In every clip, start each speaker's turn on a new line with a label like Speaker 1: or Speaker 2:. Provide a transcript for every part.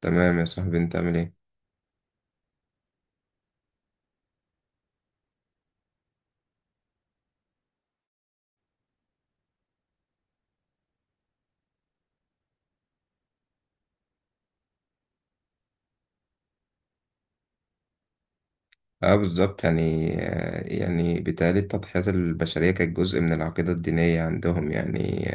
Speaker 1: تمام يا صاحبي، انت عامل ايه؟ اه، بالظبط يعني، يعني بالتالي التضحيات البشريه كانت جزء من العقيده الدينيه عندهم يعني.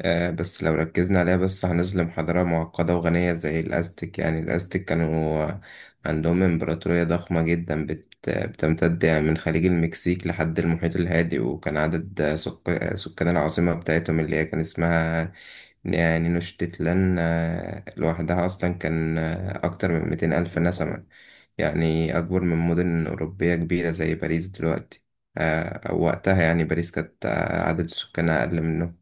Speaker 1: بس لو ركزنا عليها بس هنظلم حضاره معقده وغنيه زي الازتك. يعني الازتك كانوا آه، عندهم امبراطوريه ضخمه جدا بتمتد يعني من خليج المكسيك لحد المحيط الهادي، وكان عدد سكان العاصمه بتاعتهم اللي هي كان اسمها يعني نشتتلان، لوحدها أصلا كان أكتر من 200,000 نسمة، يعني أكبر من مدن أوروبية كبيرة زي باريس دلوقتي. آه، أو وقتها يعني باريس كانت عدد سكانها أقل منه.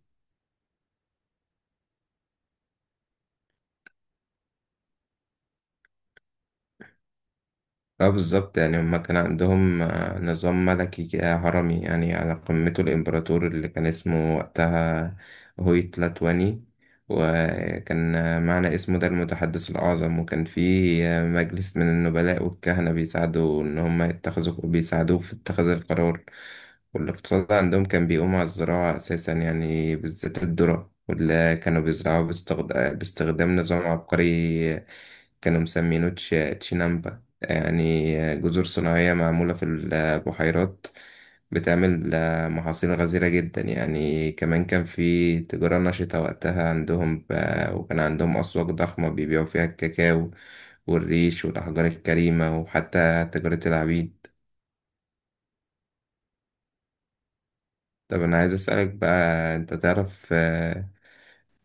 Speaker 1: اه بالظبط، يعني هما كان عندهم نظام ملكي كده هرمي، يعني على قمته الإمبراطور اللي كان اسمه وقتها هويتلاتواني، وكان معنى اسمه ده المتحدث الأعظم. وكان في مجلس من النبلاء والكهنة بيساعدوا إن هما يتخذوا بيساعدوه في اتخاذ القرار. والاقتصاد عندهم كان بيقوم على الزراعة أساسا، يعني بالذات الذرة، واللي كانوا بيزرعوها باستخدام نظام عبقري آه، كانوا مسمينه تشينامبا، يعني جزر صناعية معمولة في البحيرات، بتعمل محاصيل غزيرة جدا. يعني كمان كان في تجارة نشطة وقتها عندهم، وكان عندهم أسواق ضخمة بيبيعوا فيها الكاكاو والريش والأحجار الكريمة، وحتى تجارة العبيد. طب أنا عايز أسألك بقى، أنت تعرف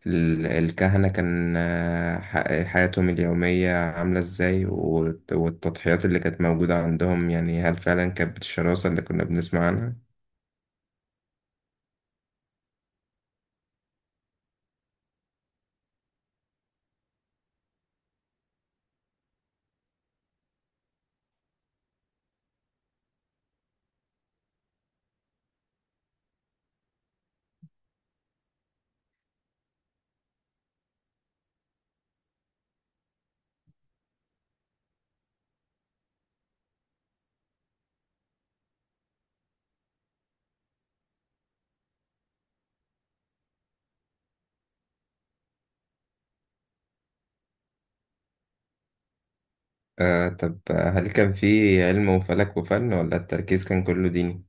Speaker 1: الكهنة كان حياتهم اليومية عاملة ازاي، والتضحيات اللي كانت موجودة عندهم، يعني هل فعلا كانت بالشراسة اللي كنا بنسمع عنها؟ آه طب، هل كان في علم وفلك وفن ولا التركيز كان كله ديني؟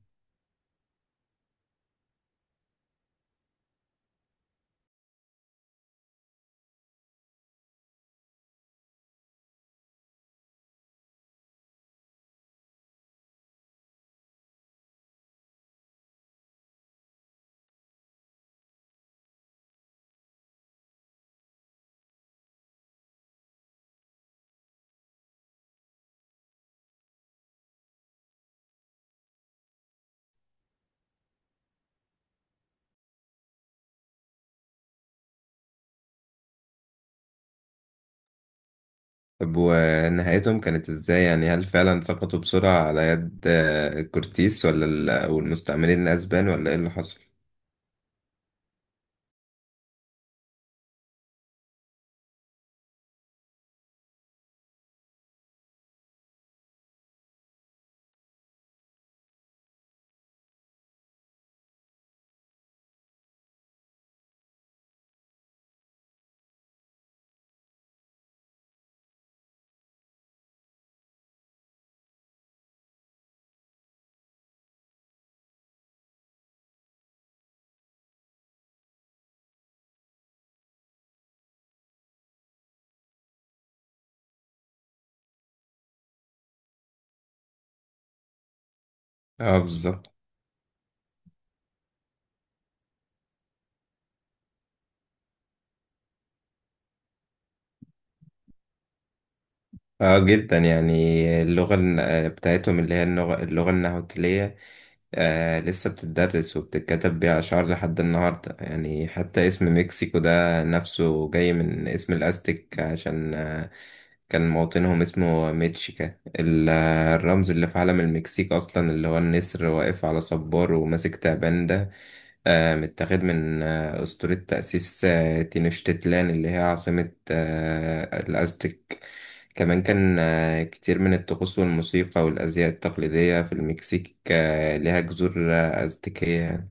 Speaker 1: طب ونهايتهم كانت ازاي، يعني هل فعلا سقطوا بسرعة على يد كورتيس ولا والمستعمرين الأسبان، ولا ايه اللي حصل؟ اه بالظبط. اه جدا، يعني اللغة بتاعتهم اللي هي اللغة، اللغة النهوتلية لسه بتدرس وبتتكتب بيها أشعار لحد النهاردة. يعني حتى اسم مكسيكو ده نفسه جاي من اسم الأزتك، عشان كان موطنهم اسمه ميتشيكا. الرمز اللي في علم المكسيك أصلا اللي هو النسر واقف على صبار وماسك تعبان ده متاخد من أسطورة تأسيس تينوشتيتلان، اللي هي عاصمة الأزتك. كمان كان كتير من الطقوس والموسيقى والأزياء التقليدية في المكسيك ليها جذور أزتكية.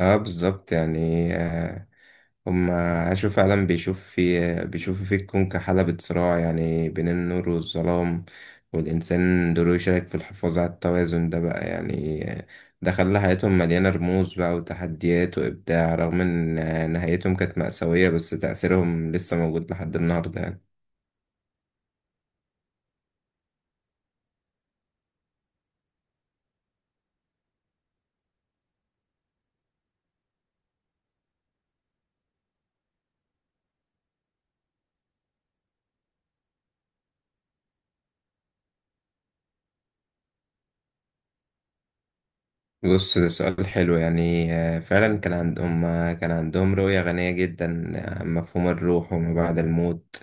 Speaker 1: اه بالظبط يعني، هم عاشوا فعلا بيشوفوا في الكون كحلبة صراع، يعني بين النور والظلام، والإنسان دوره يشارك في الحفاظ على التوازن ده بقى يعني. ده خلى حياتهم مليانة رموز بقى وتحديات وإبداع، رغم إن نهايتهم كانت مأساوية، بس تأثيرهم لسه موجود لحد النهاردة يعني. بص، ده سؤال حلو. يعني فعلا كان عندهم رؤية غنية جدا عن مفهوم الروح وما بعد الموت،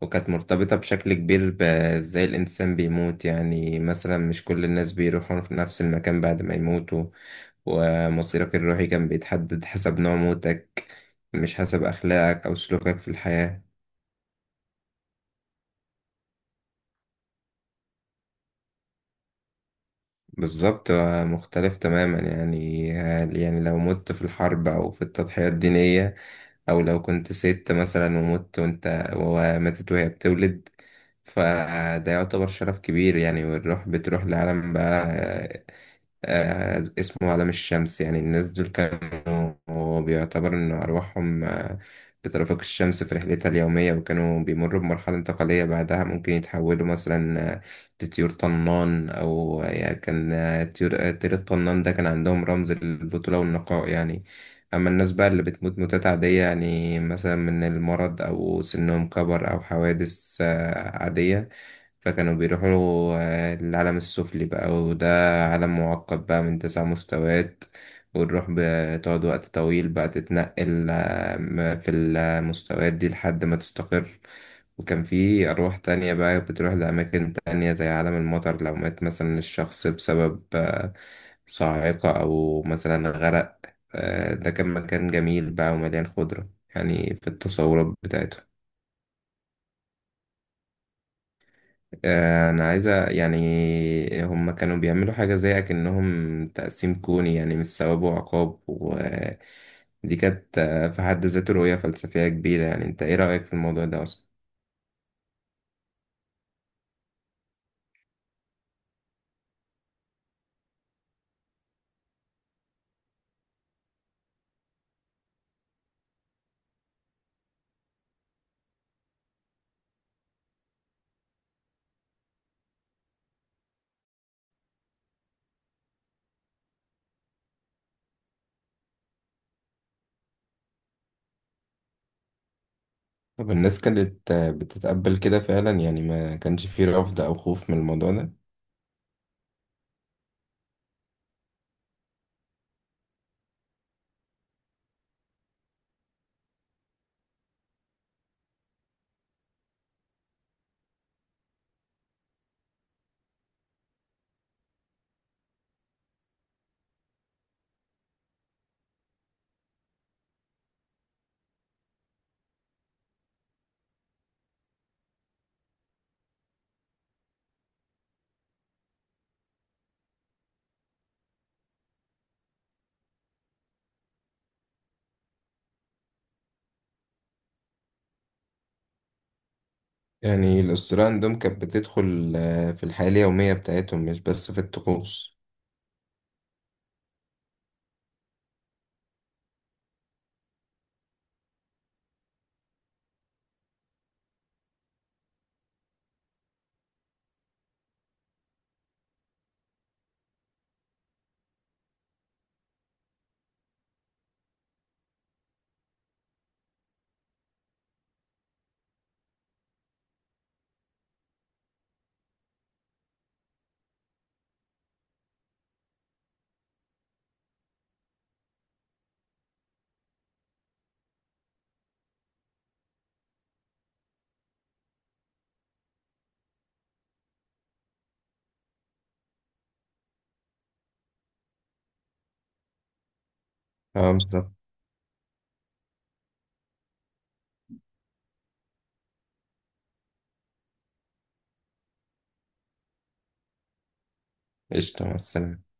Speaker 1: وكانت مرتبطة بشكل كبير بإزاي الإنسان بيموت. يعني مثلا مش كل الناس بيروحوا في نفس المكان بعد ما يموتوا، ومصيرك الروحي كان بيتحدد حسب نوع موتك، مش حسب أخلاقك أو سلوكك في الحياة. بالظبط، مختلف تماما يعني. يعني لو مت في الحرب أو في التضحية الدينية، او لو كنت ست مثلا ومت وانت وماتت وهي بتولد، فده يعتبر شرف كبير يعني. والروح بتروح لعالم بقى اسمه عالم الشمس. يعني الناس دول كانوا بيعتبر إن أرواحهم بترافق الشمس في رحلتها اليومية، وكانوا بيمروا بمرحلة انتقالية بعدها ممكن يتحولوا مثلا لطيور طنان، أو آه، يعني كان آه، طيور آه، طير الطنان ده كان عندهم رمز البطولة والنقاء يعني. أما الناس بقى اللي بتموت موتات عادية، يعني مثلا من المرض أو سنهم كبر أو حوادث عادية، فكانوا بيروحوا للعالم السفلي بقى، وده عالم معقد بقى من 9 مستويات، وتروح بتقعد وقت طويل بقى تتنقل في المستويات دي لحد ما تستقر. وكان في أرواح تانية بقى بتروح لأماكن تانية، زي عالم المطر، لو مات مثلا الشخص بسبب صاعقة أو مثلا غرق. ده كان مكان جميل بقى ومليان خضرة، يعني في التصورات بتاعته. انا عايزه يعني، هم كانوا بيعملوا حاجه زي اكنهم تقسيم كوني، يعني مش ثواب وعقاب، ودي كانت في حد ذاته رؤيه فلسفيه كبيره يعني. انت ايه رايك في الموضوع ده اصلا؟ طب الناس كانت بتتقبل كده فعلا، يعني ما كانش فيه رفض او خوف من الموضوع ده؟ يعني الاسطوره عندهم كانت بتدخل في الحياه اليوميه بتاعتهم، مش بس في الطقوس. اه بالظبط. قشطه، مع السلامه.